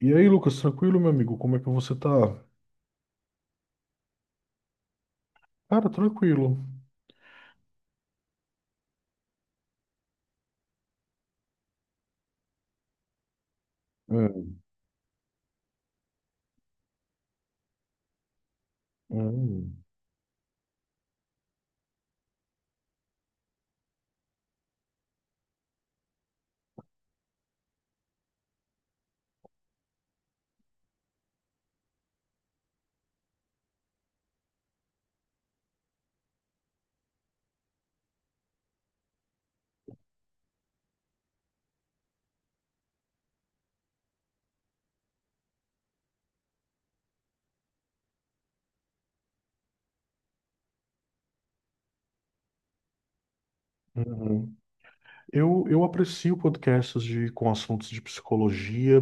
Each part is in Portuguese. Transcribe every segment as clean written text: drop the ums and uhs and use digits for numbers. E aí, Lucas, tranquilo, meu amigo? Como é que você tá? Cara, tranquilo. Hum, hum, uhum. Eu aprecio podcasts de, com assuntos de psicologia,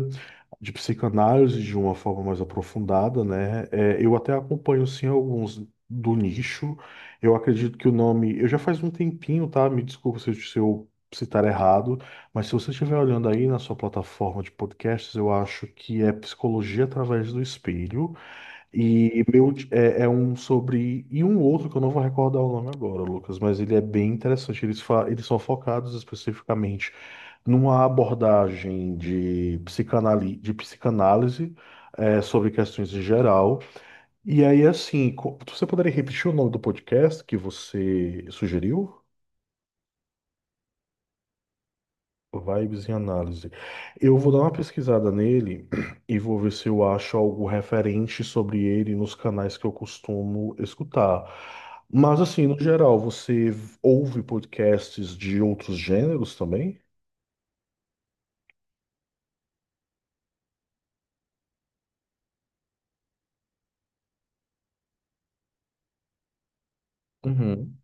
de psicanálise de uma forma mais aprofundada, né? É, eu até acompanho, sim, alguns do nicho. Eu acredito que o nome... Eu já faz um tempinho, tá? Me desculpa se eu, se eu citar errado, mas se você estiver olhando aí na sua plataforma de podcasts, eu acho que é Psicologia através do Espelho. E meu, é, é um sobre. E um outro que eu não vou recordar o nome agora, Lucas, mas ele é bem interessante. Eles, eles são focados especificamente numa abordagem de, psicanali... de psicanálise é, sobre questões em geral. E aí, assim, você poderia repetir o nome do podcast que você sugeriu? Vibes em Análise. Eu vou dar uma pesquisada nele e vou ver se eu acho algo referente sobre ele nos canais que eu costumo escutar. Mas, assim, no geral, você ouve podcasts de outros gêneros também? Uhum.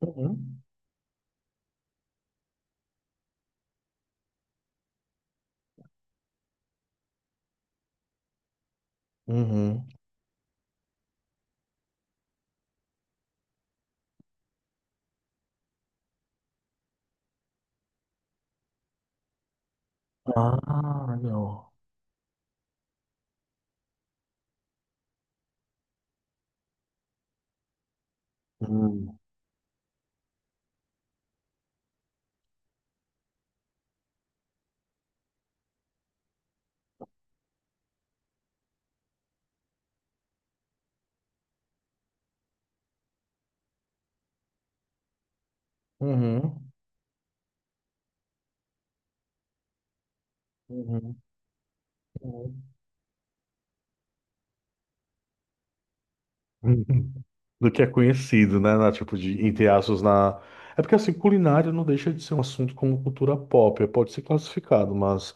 Uhum. Uhum. Ah, não. Uhum. Uhum. Uhum. Uhum. Do que é conhecido, né? Na, tipo, de, entre aspas, na. É porque assim, culinária não deixa de ser um assunto como cultura pop, é, pode ser classificado, mas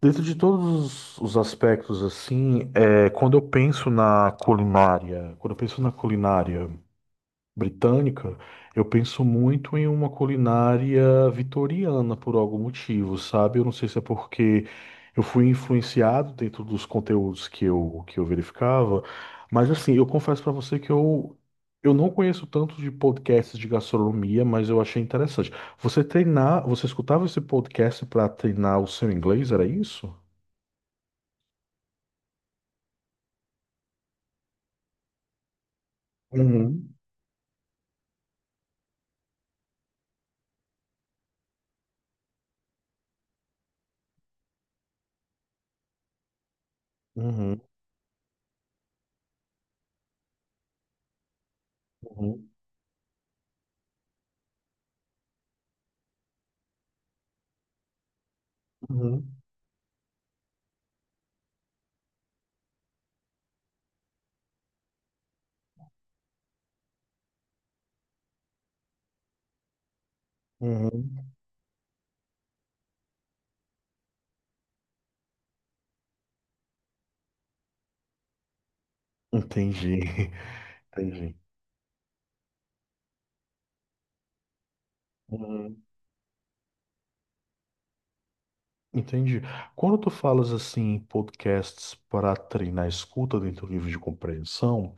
dentro de todos os aspectos, assim, é, quando eu penso na culinária, quando eu penso na culinária britânica, eu penso muito em uma culinária vitoriana por algum motivo, sabe? Eu não sei se é porque eu fui influenciado dentro dos conteúdos que eu verificava, mas assim, eu confesso para você que eu não conheço tanto de podcasts de gastronomia, mas eu achei interessante. Você treinar, você escutava esse podcast para treinar o seu inglês, era isso? Uhum. Uhum, uhum, uhum, uhum. Entendi, entendi. Uhum. Entendi. Quando tu falas assim em podcasts para treinar a escuta dentro do livro de compreensão,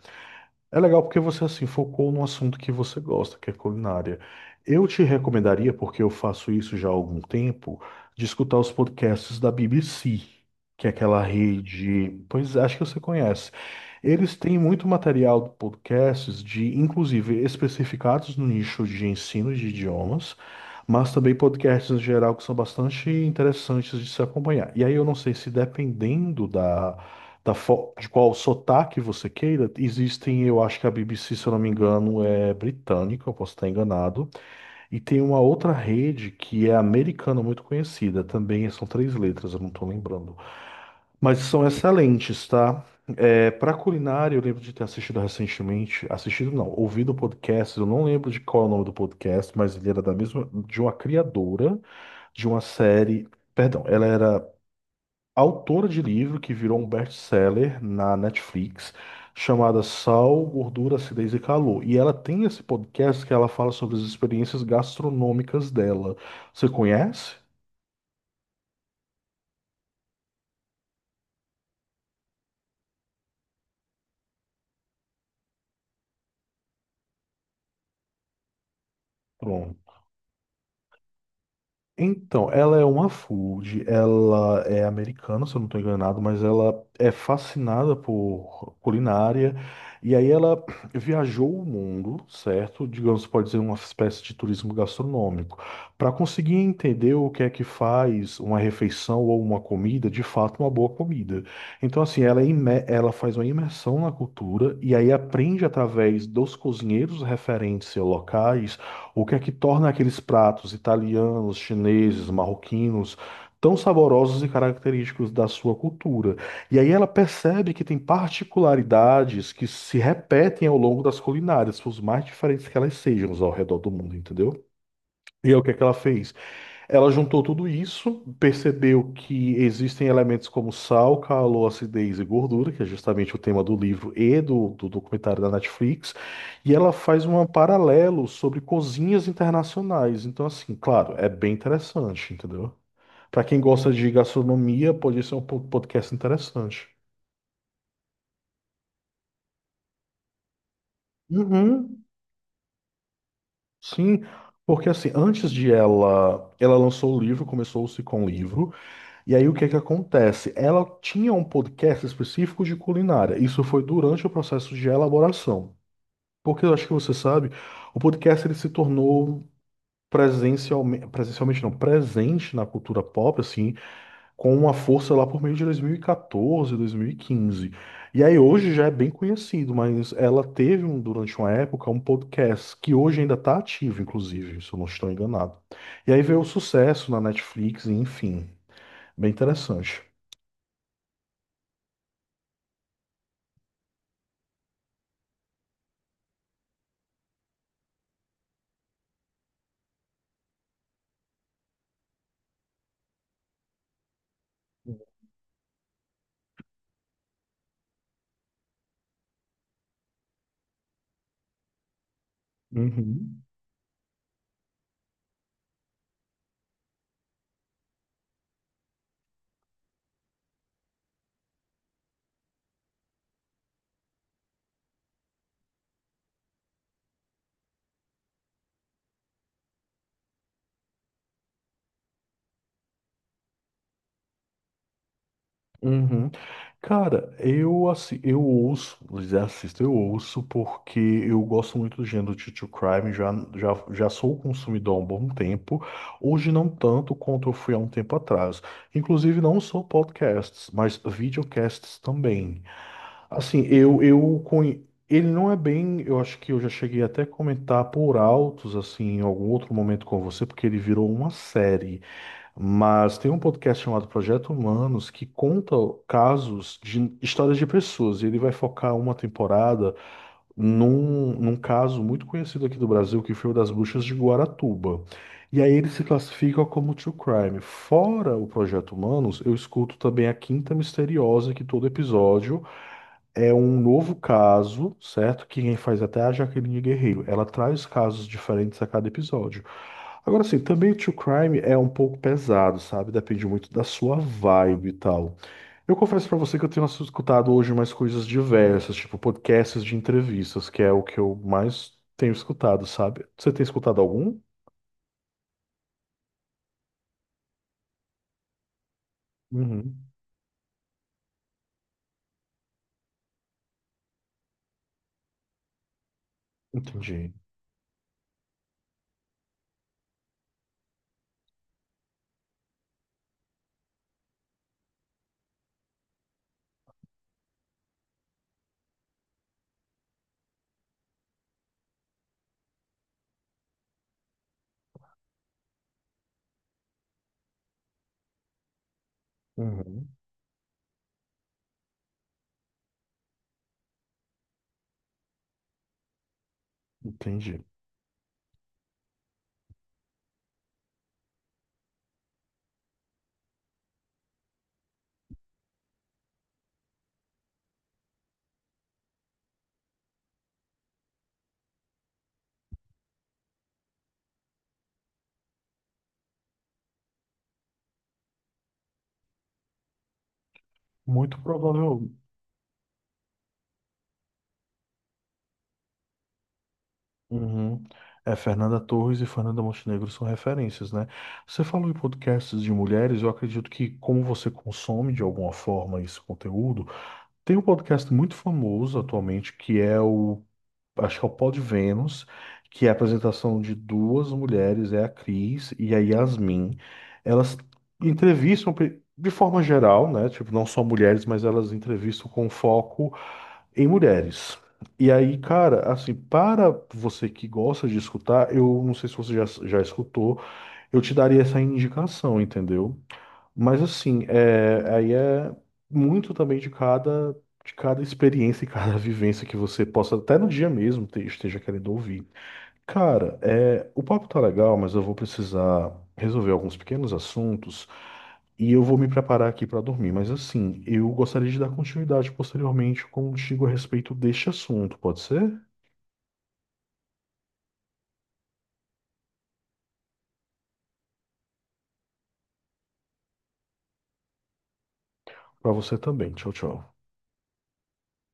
é legal porque você assim focou num assunto que você gosta, que é culinária. Eu te recomendaria, porque eu faço isso já há algum tempo, de escutar os podcasts da BBC, que é aquela rede, pois acho que você conhece. Eles têm muito material de podcasts de, inclusive, especificados no nicho de ensino de idiomas, mas também podcasts em geral que são bastante interessantes de se acompanhar. E aí eu não sei se dependendo da de qual sotaque você queira, existem, eu acho que a BBC, se eu não me engano, é britânica, eu posso estar enganado, e tem uma outra rede que é americana, muito conhecida, também são três letras, eu não estou lembrando, mas são excelentes, tá? É, para culinária, eu lembro de ter assistido recentemente, assistido não, ouvido podcast, eu não lembro de qual é o nome do podcast, mas ele era da mesma, de uma criadora de uma série, perdão, ela era autora de livro que virou um best-seller na Netflix, chamada Sal, Gordura, Acidez e Calor. E ela tem esse podcast que ela fala sobre as experiências gastronômicas dela. Você conhece? Pronto. Então, ela é uma food, ela é americana, se eu não estou enganado, mas ela é fascinada por culinária. E aí ela viajou o mundo, certo? Digamos, pode ser uma espécie de turismo gastronômico, para conseguir entender o que é que faz uma refeição ou uma comida, de fato, uma boa comida. Então, assim, ela, é ela faz uma imersão na cultura e aí aprende através dos cozinheiros referentes locais o que é que torna aqueles pratos italianos, chineses, marroquinos tão saborosos e característicos da sua cultura? E aí ela percebe que tem particularidades que se repetem ao longo das culinárias, por mais diferentes que elas sejam ao redor do mundo, entendeu? E aí o que é que ela fez? Ela juntou tudo isso, percebeu que existem elementos como sal, calor, acidez e gordura, que é justamente o tema do livro e do documentário da Netflix, e ela faz um paralelo sobre cozinhas internacionais. Então, assim, claro, é bem interessante, entendeu? Para quem gosta de gastronomia, pode ser um podcast interessante. Uhum. Sim, porque assim, antes de ela, ela lançou o livro, começou-se com o livro. E aí o que é que acontece? Ela tinha um podcast específico de culinária. Isso foi durante o processo de elaboração. Porque eu acho que você sabe, o podcast ele se tornou presencialmente, presencialmente não, presente na cultura pop, assim, com uma força lá por meio de 2014, 2015. E quatorze, dois mil e quinze. E aí hoje já é bem conhecido, mas ela teve durante uma época um podcast que hoje ainda está ativo, inclusive, se eu não estou enganado. E aí veio o sucesso na Netflix, e enfim, bem interessante. Uhum, uhum. Cara, eu assim, eu ouço, vou dizer, assisto, eu ouço porque eu gosto muito do gênero de true crime, já sou consumidor há um bom tempo, hoje não tanto quanto eu fui há um tempo atrás. Inclusive não só podcasts, mas videocasts também. Assim, eu, ele não é bem, eu acho que eu já cheguei até a comentar por altos, assim, em algum outro momento com você, porque ele virou uma série. Mas tem um podcast chamado Projeto Humanos que conta casos de histórias de pessoas. E ele vai focar uma temporada num caso muito conhecido aqui do Brasil, que foi o das bruxas de Guaratuba. E aí ele se classifica como true crime. Fora o Projeto Humanos, eu escuto também a Quinta Misteriosa, que todo episódio é um novo caso, certo? Que quem faz até é a Jaqueline Guerreiro. Ela traz casos diferentes a cada episódio. Agora sim, também o True Crime é um pouco pesado, sabe? Depende muito da sua vibe e tal. Eu confesso pra você que eu tenho escutado hoje mais coisas diversas, tipo podcasts de entrevistas, que é o que eu mais tenho escutado, sabe? Você tem escutado algum? Uhum, entendi. Uhum, entendi. Muito provável. Uhum. É, Fernanda Torres e Fernanda Montenegro são referências, né? Você falou em podcasts de mulheres, eu acredito que como você consome de alguma forma esse conteúdo, tem um podcast muito famoso atualmente que é o, acho que é o Pod Vênus, que é a apresentação de duas mulheres, é a Cris e a Yasmin. Elas de forma geral, né? Tipo, não só mulheres, mas elas entrevistam com foco em mulheres. E aí, cara, assim, para você que gosta de escutar, eu não sei se você já escutou, eu te daria essa indicação, entendeu? Mas assim, é, aí é muito também de cada experiência e cada vivência que você possa, até no dia mesmo, esteja querendo ouvir. Cara, é, o papo tá legal, mas eu vou precisar resolver alguns pequenos assuntos e eu vou me preparar aqui para dormir. Mas assim, eu gostaria de dar continuidade posteriormente contigo a respeito deste assunto, pode ser? Para você também. Tchau, tchau.